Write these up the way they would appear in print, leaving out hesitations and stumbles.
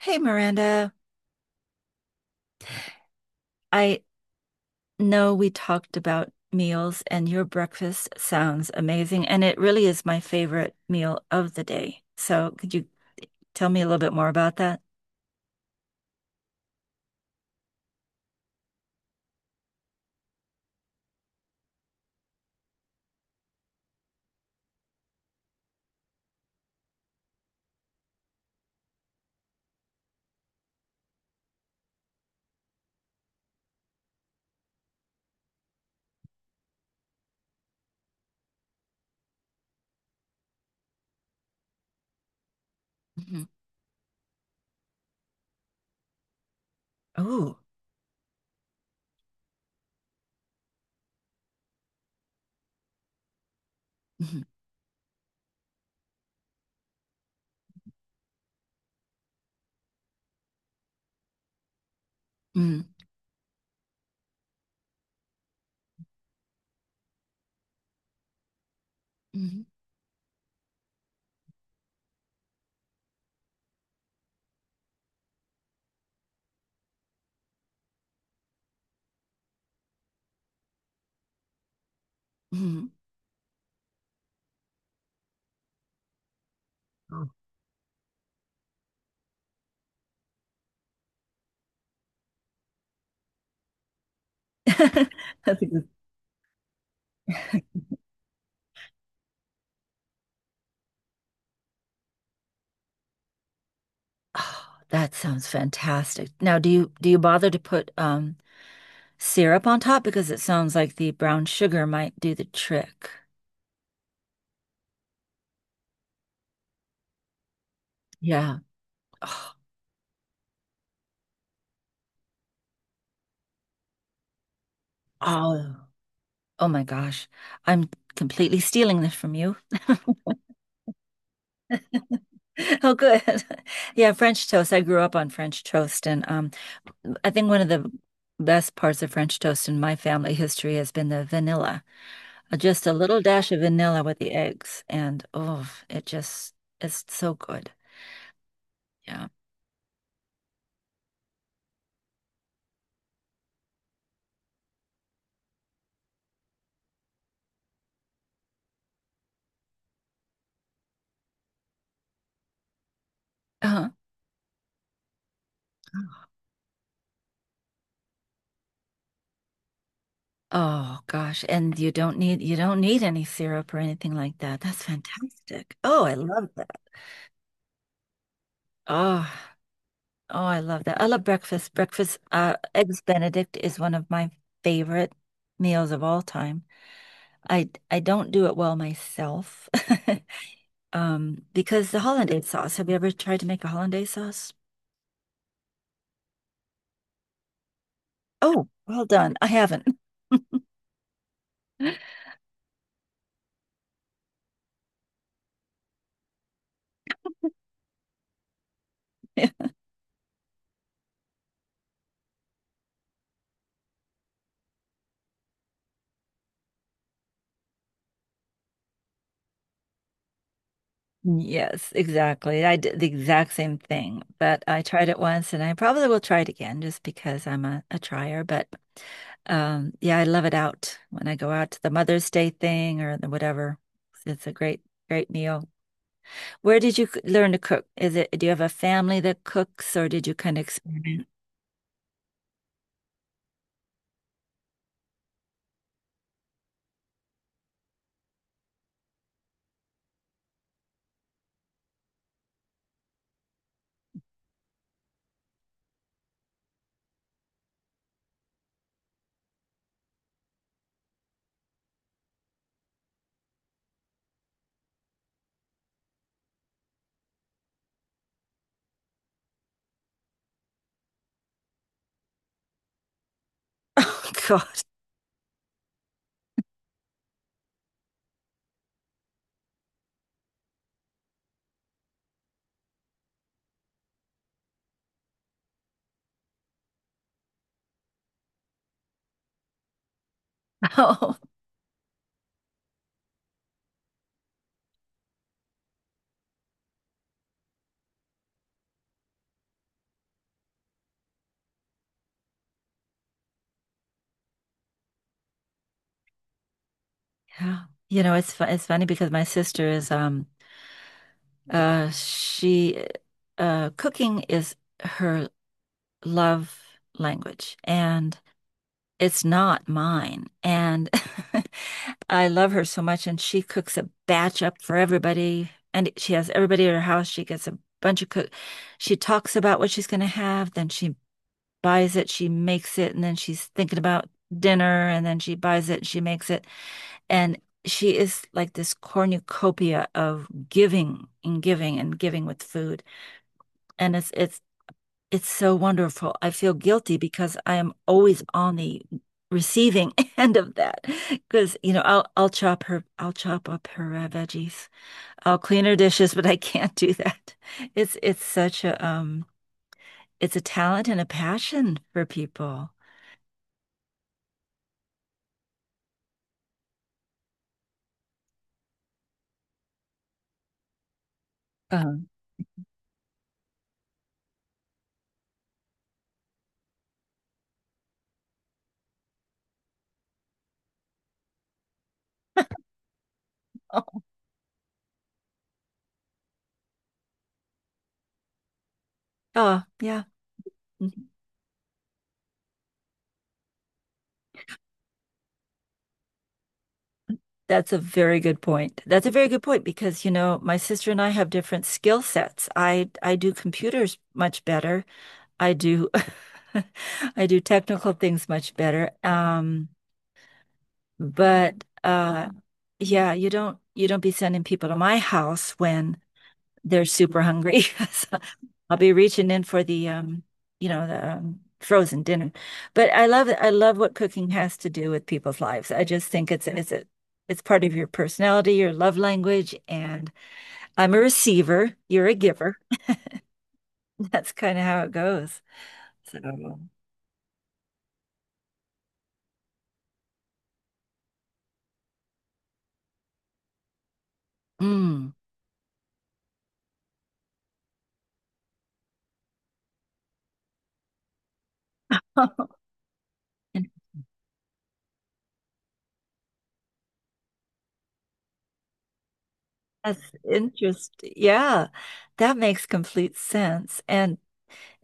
Hey Miranda, I know we talked about meals and your breakfast sounds amazing, and it really is my favorite meal of the day. So could you tell me a little bit more about that? Hmm. Oh. Hmm. Hmm. Hmm. Hmm. That's a good. Oh, that sounds fantastic. Now, do you bother to put syrup on top? Because it sounds like the brown sugar might do the trick. Yeah. Oh. Oh. Oh my gosh, I'm completely stealing this from you. Oh, good. Yeah, French toast. I grew up on French toast, and I think one of the best parts of French toast in my family history has been the vanilla. Just a little dash of vanilla with the eggs, and oh, it just is so good. Yeah. Uh-huh. Oh gosh, and you don't need any syrup or anything like that. That's fantastic. Oh, I love that. Oh. Oh, I love that. I love breakfast. Breakfast, eggs Benedict is one of my favorite meals of all time. I don't do it well myself. Because the hollandaise sauce. Have you ever tried to make a hollandaise sauce? Oh, well done. I haven't. Yes, exactly. I did the exact same thing, but I tried it once and I probably will try it again just because I'm a trier. But yeah, I love it out when I go out to the Mother's Day thing or the whatever. It's a great, great meal. Where did learn to cook? Is it, do you have a family that cooks or did you kind of experiment? Oh God. Oh, yeah. You know, it's funny because my sister is she cooking is her love language and it's not mine. And I love her so much. And she cooks a batch up for everybody. And she has everybody at her house. She gets a bunch of cook. She talks about what she's going to have. Then she buys it. She makes it. And then she's thinking about dinner. And then she buys it. She makes it. And she is like this cornucopia of giving and giving and giving with food. And it's so wonderful. I feel guilty because I am always on the receiving end of that. Because, I'll chop up her veggies. I'll clean her dishes, but I can't do that. It's such a it's a talent and a passion for people. Um, oh, oh, yeah. Mhm. That's a very good point. That's a very good point because, you know, my sister and I have different skill sets. I do computers much better. I do I do technical things much better. But yeah, you don't be sending people to my house when they're super hungry. So I'll be reaching in for the you know, the frozen dinner. But I love what cooking has to do with people's lives. I just think it's a it's part of your personality, your love language, and I'm a receiver, you're a giver. That's kind of how it goes. So, mm. That's interesting. Yeah, that makes complete sense. And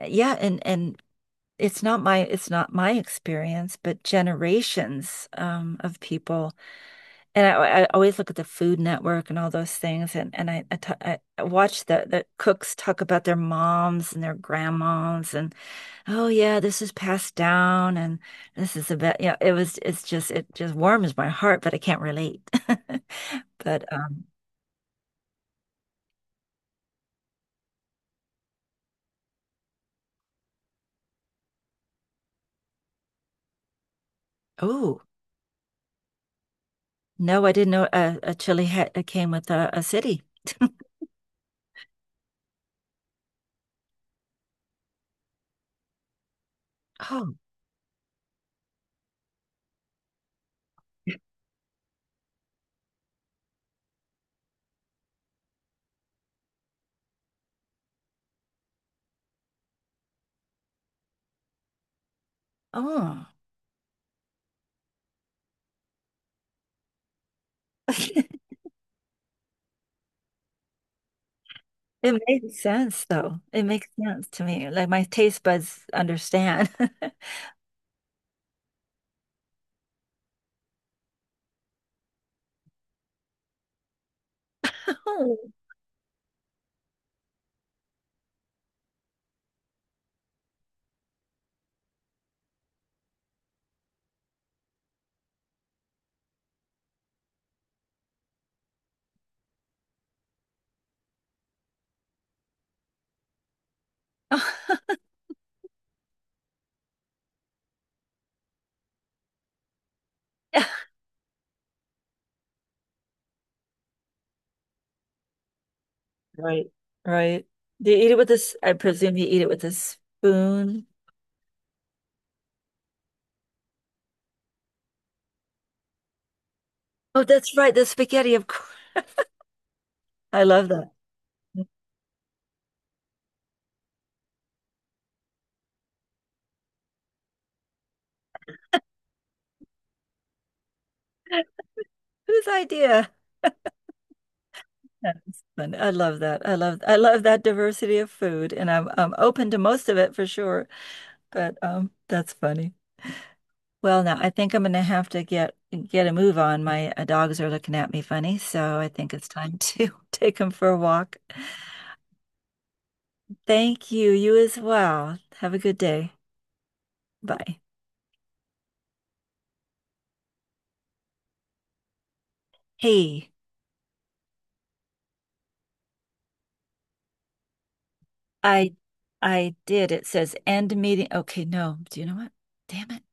yeah, and it's not my experience, but generations of people. And I always look at the Food Network and all those things, and I watch the cooks talk about their moms and their grandmoms, and oh yeah, this is passed down, and this is about yeah. It was it just warms my heart, but I can't relate. But oh. No, I didn't know a chili hat that came with a city. Oh, oh. It makes sense though. It makes sense to me. Like my taste buds understand. Oh. Oh. Right, right. Do you eat it with this? I presume you eat it with a spoon. Oh, that's right, the spaghetti, of course. I love that. Whose idea? That's fun. I love that. I love that diversity of food, and I'm open to most of it for sure. But that's funny. Well, now I think I'm gonna have to get a move on. My dogs are looking at me funny, so I think it's time to take them for a walk. Thank you. You as well. Have a good day. Bye. Hey, I I did. It says end meeting. Okay, no. Do you know what? Damn it.